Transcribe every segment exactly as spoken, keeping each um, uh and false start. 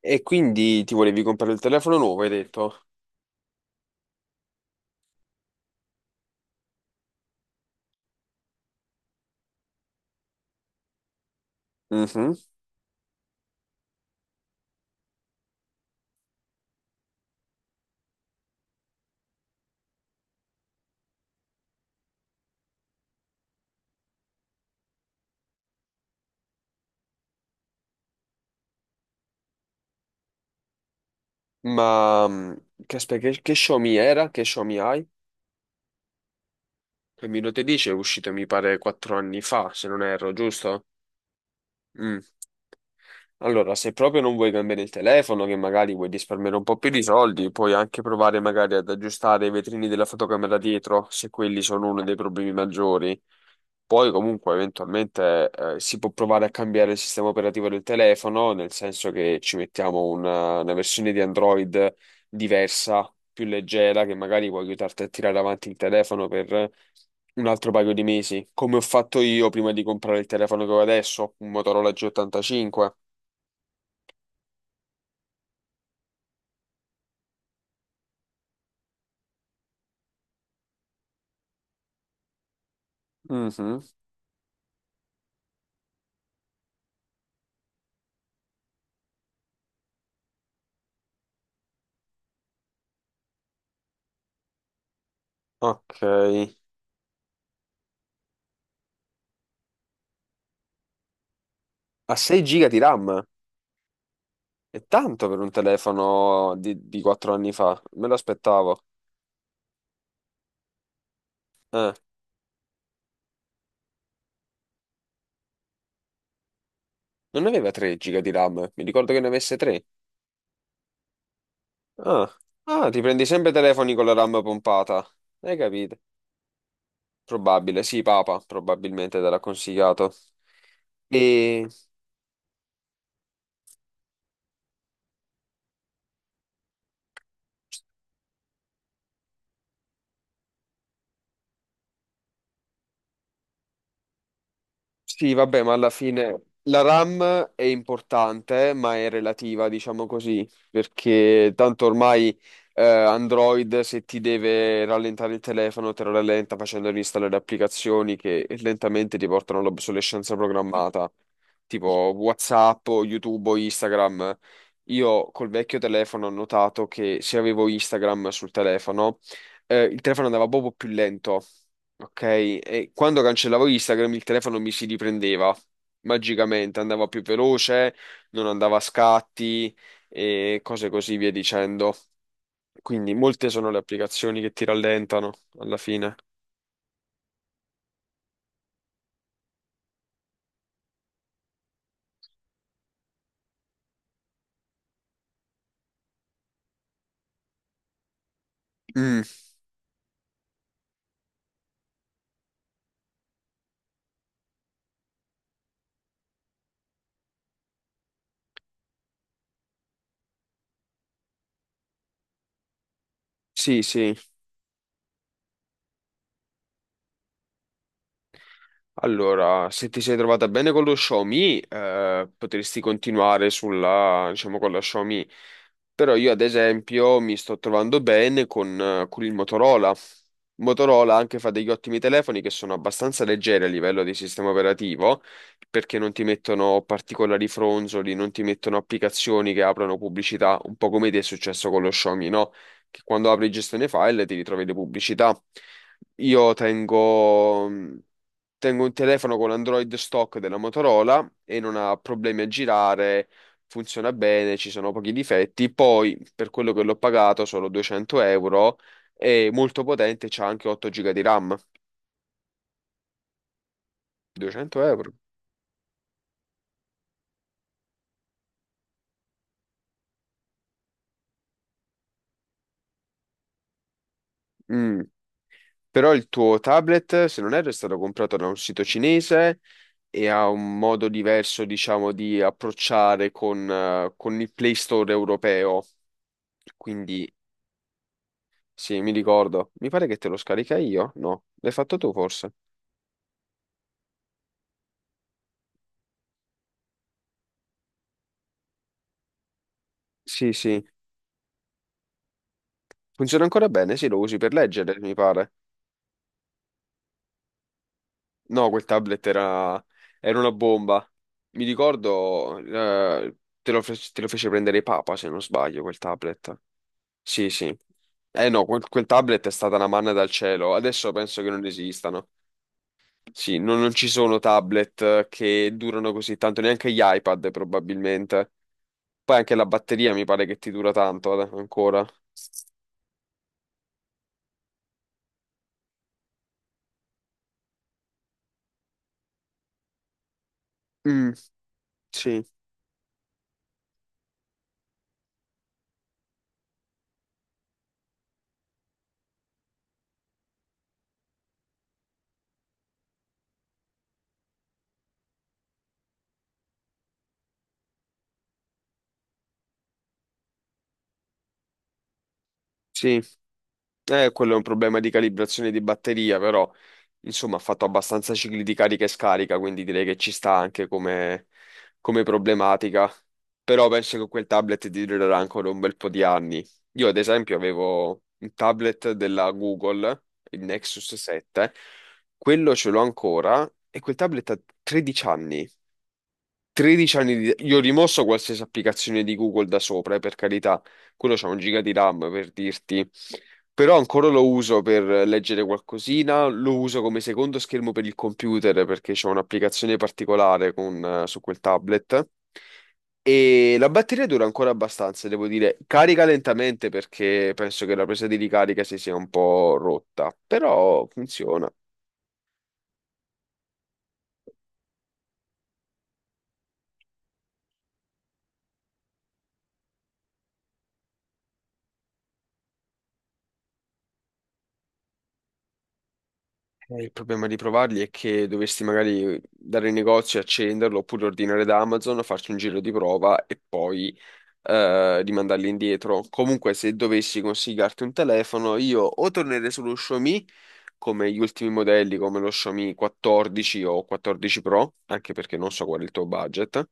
E quindi ti volevi comprare il telefono nuovo, hai detto? Mhm. Ma mm, che, aspetta, che, che Xiaomi era? Che Xiaomi hai? Che mi lo te dice è uscito, mi pare, quattro anni fa, se non erro, giusto? Mm. Allora, se proprio non vuoi cambiare il telefono, che magari vuoi risparmiare un po' più di soldi, puoi anche provare magari ad aggiustare i vetrini della fotocamera dietro, se quelli sono uno dei problemi maggiori. Poi comunque eventualmente eh, si può provare a cambiare il sistema operativo del telefono, nel senso che ci mettiamo una, una versione di Android diversa, più leggera, che magari può aiutarti a tirare avanti il telefono per un altro paio di mesi, come ho fatto io prima di comprare il telefono che ho adesso, un Motorola G ottantacinque. Mhm. Ok. A sei giga di RAM? È tanto per un telefono di, di quattro anni fa. Me lo aspettavo. Eh, non aveva tre giga di RAM. Mi ricordo che ne avesse tre. Ah. Ah, ti prendi sempre telefoni con la RAM pompata. Hai capito? Probabile. Sì, Papa, probabilmente te l'ha consigliato. E... Sì, vabbè, ma alla fine la RAM è importante, eh, ma è relativa, diciamo così, perché tanto ormai eh, Android se ti deve rallentare il telefono te lo rallenta facendo installare applicazioni che lentamente ti portano all'obsolescenza programmata, tipo WhatsApp, o YouTube o Instagram. Io col vecchio telefono ho notato che se avevo Instagram sul telefono, eh, il telefono andava proprio più lento. Ok, e quando cancellavo Instagram il telefono mi si riprendeva magicamente, andava più veloce, non andava a scatti e cose così via dicendo. Quindi molte sono le applicazioni che ti rallentano alla fine. Mm, sì, sì. Allora, se ti sei trovata bene con lo Xiaomi, eh, potresti continuare sulla, diciamo, con la Xiaomi. Però io, ad esempio, mi sto trovando bene con, eh, con il Motorola. Motorola anche fa degli ottimi telefoni che sono abbastanza leggeri a livello di sistema operativo, perché non ti mettono particolari fronzoli, non ti mettono applicazioni che aprono pubblicità, un po' come ti è successo con lo Xiaomi, no? Che quando apri gestione file ti ritrovi le pubblicità. Io tengo. mm, Tengo un telefono con Android stock della Motorola e non ha problemi a girare, funziona bene, ci sono pochi difetti. Poi, per quello che l'ho pagato, solo duecento euro, è molto potente, c'ha anche otto giga di RAM. duecento euro. Mm. Però il tuo tablet, se non erro, è stato comprato da un sito cinese e ha un modo diverso, diciamo, di approcciare con, eh, con il Play Store europeo. Quindi, sì, mi ricordo. Mi pare che te lo scarica io? No, l'hai fatto tu forse? Sì, sì, funziona ancora bene, sì, lo usi per leggere, mi pare. No, quel tablet era, era una bomba. Mi ricordo, eh, te lo, fe- te lo fece prendere Papa, se non sbaglio, quel tablet. Sì, sì. Eh no, quel, quel tablet è stata una manna dal cielo, adesso penso che non esistano. Sì, non, non ci sono tablet eh, che durano così tanto, neanche gli iPad probabilmente. Poi anche la batteria mi pare che ti dura tanto eh, ancora. Mm, sì, sì. Eh, quello è un problema di calibrazione di batteria, però insomma ha fatto abbastanza cicli di carica e scarica, quindi direi che ci sta anche come, come problematica. Però penso che quel tablet ti durerà ancora un bel po' di anni. Io ad esempio avevo un tablet della Google, il Nexus sette, quello ce l'ho ancora e quel tablet ha tredici anni. tredici anni di... Io ho rimosso qualsiasi applicazione di Google da sopra, eh, per carità. Quello c'ha un giga di RAM per dirti. Però ancora lo uso per leggere qualcosina, lo uso come secondo schermo per il computer perché c'è un'applicazione particolare con, eh, su quel tablet. E la batteria dura ancora abbastanza, devo dire. Carica lentamente perché penso che la presa di ricarica si sia un po' rotta, però funziona. Eh, Il problema di provarli è che dovresti magari dare in negozio e accenderlo oppure ordinare da Amazon, farci un giro di prova e poi eh, rimandarli indietro. Comunque, se dovessi consigliarti un telefono, io o tornerei sullo Xiaomi come gli ultimi modelli, come lo Xiaomi quattordici o quattordici Pro, anche perché non so qual è il tuo budget,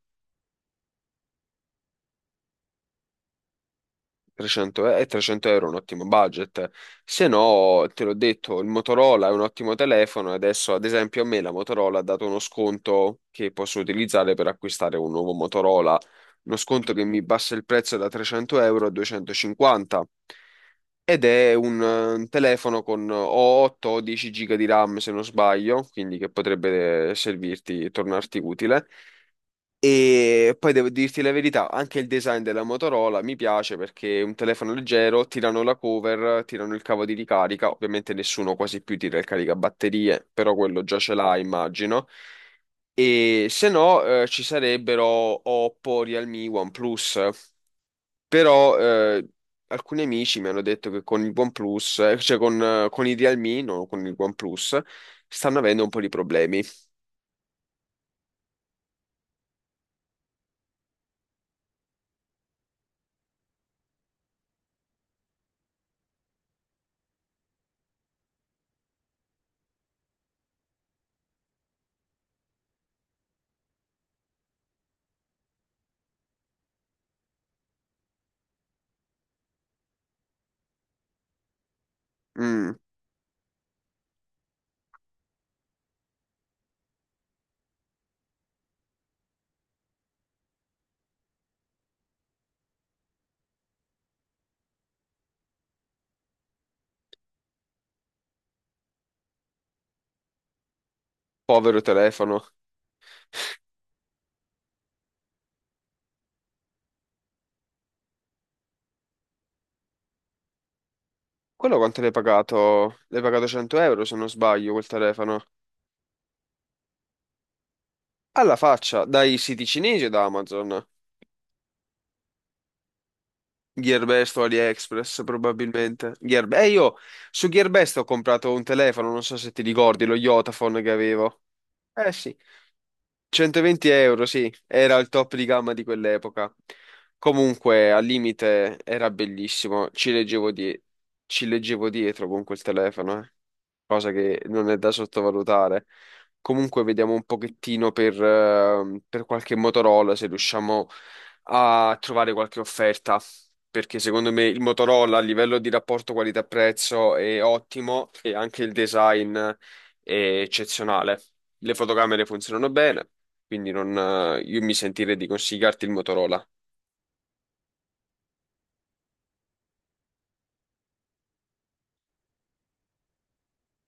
trecento, e trecento euro è un ottimo budget, se no, te l'ho detto, il Motorola è un ottimo telefono e adesso, ad esempio, a me la Motorola ha dato uno sconto che posso utilizzare per acquistare un nuovo Motorola, uno sconto che mi bassa il prezzo da trecento euro a duecentocinquanta ed è un, eh, un telefono con o otto o dieci giga di RAM se non sbaglio, quindi che potrebbe eh, servirti, tornarti utile. E poi devo dirti la verità, anche il design della Motorola mi piace perché è un telefono leggero, tirano la cover, tirano il cavo di ricarica, ovviamente nessuno quasi più tira il caricabatterie, però quello già ce l'ha, immagino. E se no, eh, ci sarebbero Oppo, Realme, OnePlus, però eh, alcuni amici mi hanno detto che con il OnePlus, eh, cioè con, eh, con i Realme, non con il OnePlus, stanno avendo un po' di problemi. Mm, povero telefono. Quello quanto l'hai pagato? L'hai pagato cento euro se non sbaglio quel telefono. Alla faccia, dai siti cinesi o da Amazon? Gearbest o AliExpress probabilmente. Gearbe- Eh, io su Gearbest ho comprato un telefono, non so se ti ricordi, lo Yotaphone che avevo. Eh sì, centoventi euro, sì, era il top di gamma di quell'epoca. Comunque, al limite era bellissimo, ci leggevo, die- ci leggevo dietro con quel telefono. Eh, cosa che non è da sottovalutare. Comunque vediamo un pochettino per, eh, per qualche Motorola se riusciamo a trovare qualche offerta, perché secondo me il Motorola a livello di rapporto qualità-prezzo è ottimo e anche il design è eccezionale. Le fotocamere funzionano bene, quindi non, eh, io mi sentirei di consigliarti il Motorola.